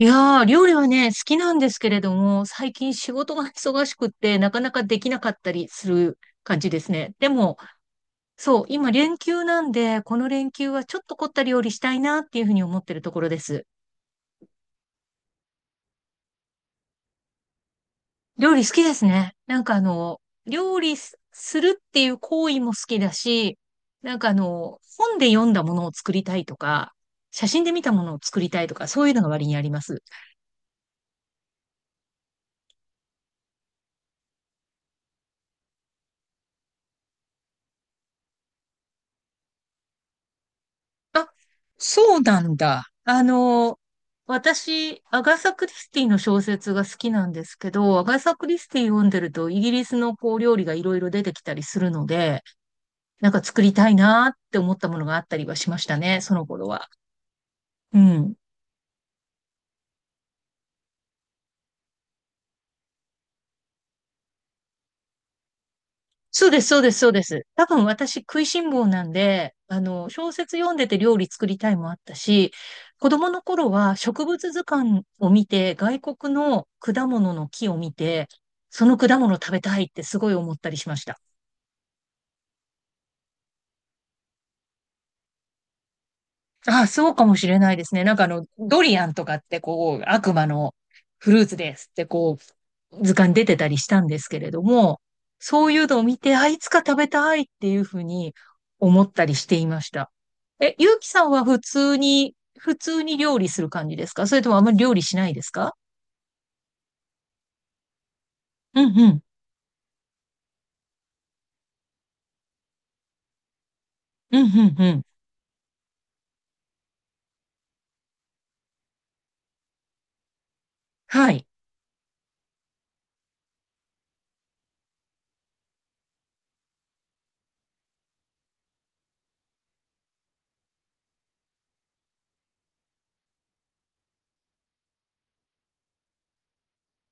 いやー、料理はね、好きなんですけれども、最近仕事が忙しくって、なかなかできなかったりする感じですね。でも、そう、今連休なんで、この連休はちょっと凝った料理したいなっていうふうに思ってるところです。料理好きですね。なんか料理すするっていう行為も好きだし、なんか本で読んだものを作りたいとか、写真で見たものを作りたいとか、そういうのが割にあります。あ、そうなんだ。私、アガサ・クリスティの小説が好きなんですけど、アガサ・クリスティ読んでると、イギリスのこう料理がいろいろ出てきたりするので、なんか作りたいなーって思ったものがあったりはしましたね、その頃は。うん。そうです、そうです、そうです。多分私食いしん坊なんで、小説読んでて料理作りたいもあったし、子供の頃は植物図鑑を見て、外国の果物の木を見て、その果物食べたいってすごい思ったりしました。ああ、そうかもしれないですね。なんかドリアンとかってこう、悪魔のフルーツですってこう、図鑑出てたりしたんですけれども、そういうのを見て、あ、いつか食べたいっていうふうに思ったりしていました。え、ゆうきさんは普通に、普通に料理する感じですか？それともあまり料理しないですか？うんうん。うんうんうん。はい。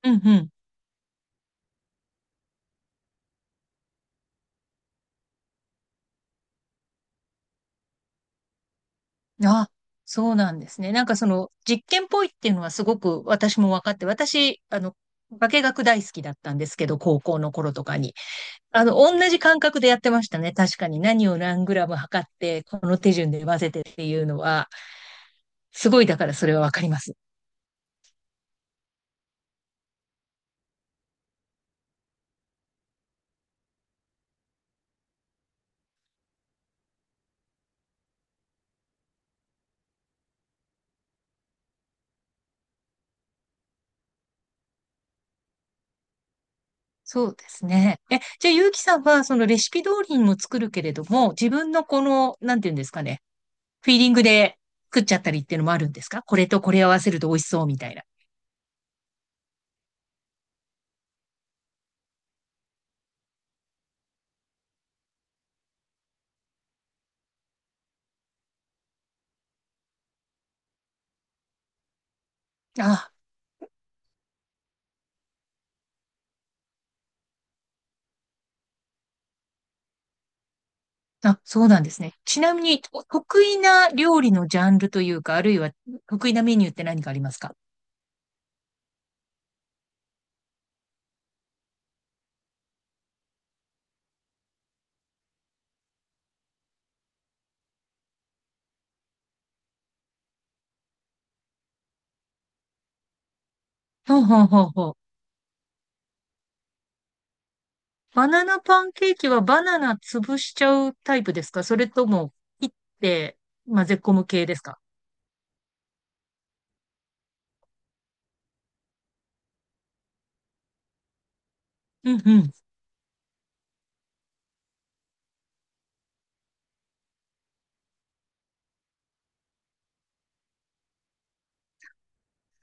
うんうん。あ、そうなんですね。なんかその実験っぽいっていうのはすごく私も分かって、私、化学大好きだったんですけど、高校の頃とかに。同じ感覚でやってましたね。確かに何を何グラム測って、この手順で混ぜてっていうのは、すごいだからそれはわかります。そうですね。え、じゃあ、ゆうきさんは、そのレシピ通りにも作るけれども、自分のこの、なんていうんですかね、フィーリングで食っちゃったりっていうのもあるんですか？これとこれ合わせると美味しそうみたいな。あ、あ、そうなんですね。ちなみに、お得意な料理のジャンルというか、あるいは得意なメニューって何かありますか？ほうほうほうほう。バナナパンケーキはバナナ潰しちゃうタイプですか？それとも切って混ぜ込む系ですか？うんうん。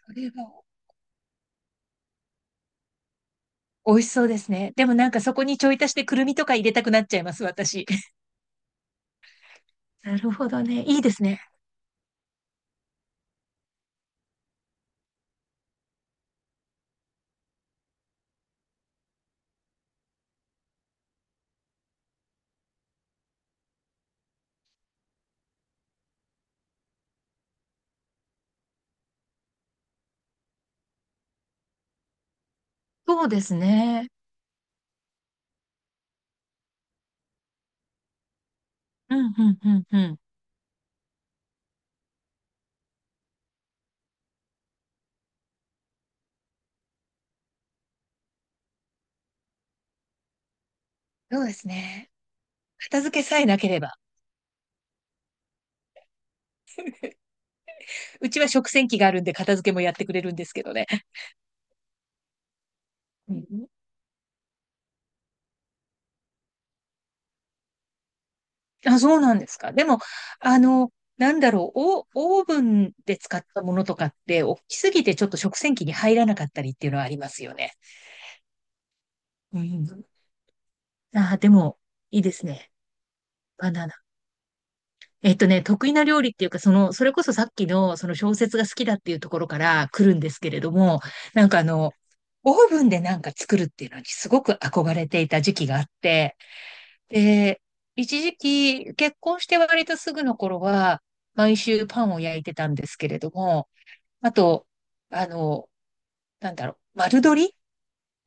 それは美味しそうですね。でもなんかそこにちょい足してくるみとか入れたくなっちゃいます、私。なるほどね。いいですね。そうですね。うん、うん、うん、うん。そうですね。片付けさえなければ。うちは食洗機があるんで片付けもやってくれるんですけどね。うん。あ、そうなんですか。でも、あの、なんだろう、オオーブンで使ったものとかって、大きすぎてちょっと食洗機に入らなかったりっていうのはありますよね。うん。ああ、でも、いいですね。バナナ。得意な料理っていうか、その、それこそさっきの、その小説が好きだっていうところから来るんですけれども、なんかオーブンでなんか作るっていうのにすごく憧れていた時期があって、で、一時期、結婚して割とすぐの頃は、毎週パンを焼いてたんですけれども、あと、あの、なんだろう、丸鶏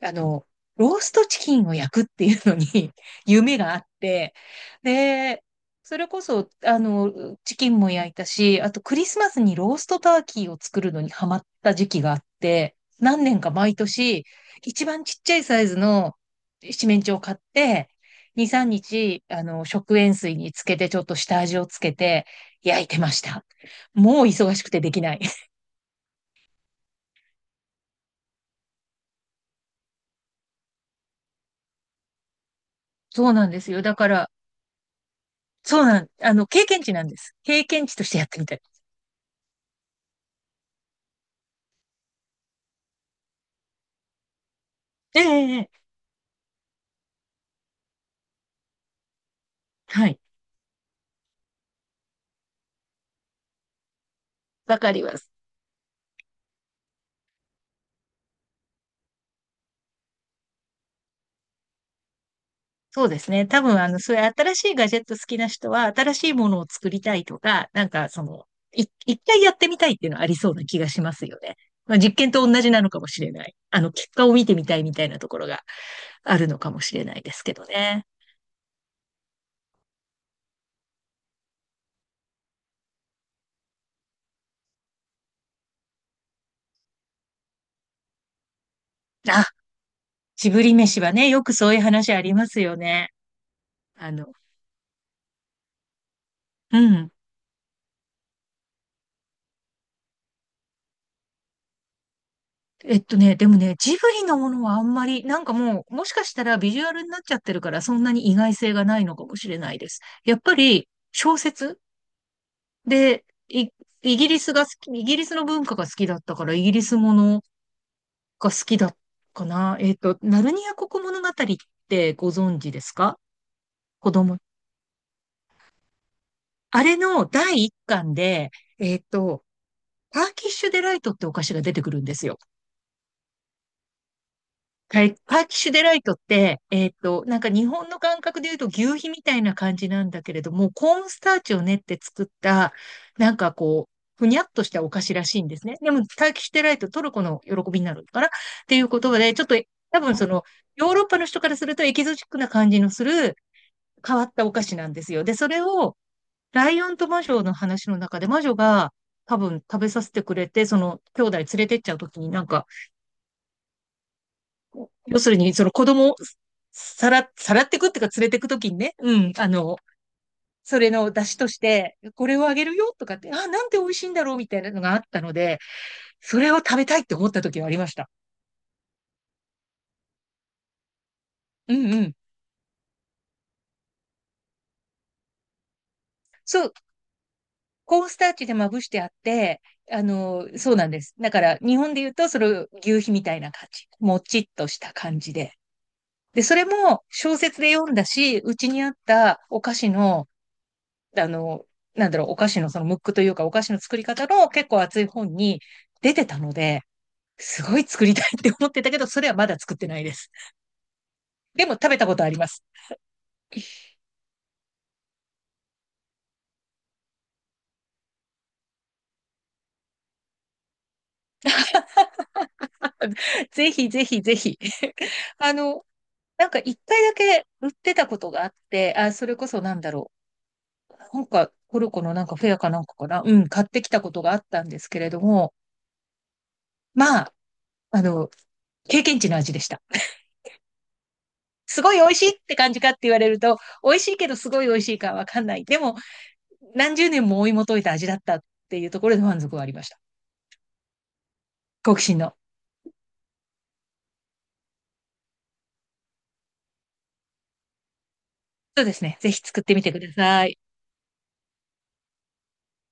あの、ローストチキンを焼くっていうのに 夢があって、で、それこそ、チキンも焼いたし、あとクリスマスにローストターキーを作るのにハマった時期があって、何年か毎年、一番ちっちゃいサイズの七面鳥を買って、2、3日、食塩水につけて、ちょっと下味をつけて、焼いてました。もう忙しくてできない。そうなんですよ。だから、そうなん、あの、経験値なんです。経験値としてやってみた。ええ、ええ、はい。わかります。そうですね。多分、そういう新しいガジェット好きな人は、新しいものを作りたいとか、なんか、その、一回やってみたいっていうのはありそうな気がしますよね。まあ、実験と同じなのかもしれない。結果を見てみたいみたいなところがあるのかもしれないですけどね。あ、ジブリ飯はね、よくそういう話ありますよね。あの、うん。でもね、ジブリのものはあんまり、なんかもう、もしかしたらビジュアルになっちゃってるから、そんなに意外性がないのかもしれないです。やっぱり、小説で、イギリスが好き、イギリスの文化が好きだったから、イギリスものが好きだかな。えっと、ナルニア国物語ってご存知ですか？子供。あれの第一巻で、えっと、ターキッシュデライトってお菓子が出てくるんですよ。はイパーキッシュデライトって、えっと、なんか日本の感覚で言うと求肥みたいな感じなんだけれども、コーンスターチを練って作った、なんかこう、ふにゃっとしたお菓子らしいんですね。でも、パーキッシュデライト、トルコの喜びになるのかなっていう言葉で、ちょっと多分その、ヨーロッパの人からするとエキゾチックな感じのする変わったお菓子なんですよ。で、それを、ライオンと魔女の話の中で、魔女が多分食べさせてくれて、その兄弟連れてっちゃうときになんか、要するに、その子供をさらってくっていうか連れてくときにね、うん、それの出汁として、これをあげるよとかって、あ、なんて美味しいんだろうみたいなのがあったので、それを食べたいって思った時はありました。うんうん。そう、コーンスターチでまぶしてあって、そうなんです。だから、日本で言うと、それ、牛皮みたいな感じ。もちっとした感じで。で、それも小説で読んだし、うちにあったお菓子のあの、なんだろう、お菓子のそのムックというか、お菓子の作り方の結構厚い本に出てたので、すごい作りたいって思ってたけど、それはまだ作ってないです。でも食べたことあります。ぜひぜひぜひ。あの、なんか一回だけ売ってたことがあって、あ、それこそなんだろう。なんかトルコのなんかフェアかなんかかな。うん、買ってきたことがあったんですけれども、まあ、あの、経験値の味でした。すごい美味しいって感じかって言われると、美味しいけどすごい美味しいかわかんない。でも、何十年も追い求めた味だったっていうところで満足はありました。好奇心の。そうですね。ぜひ作ってみてください。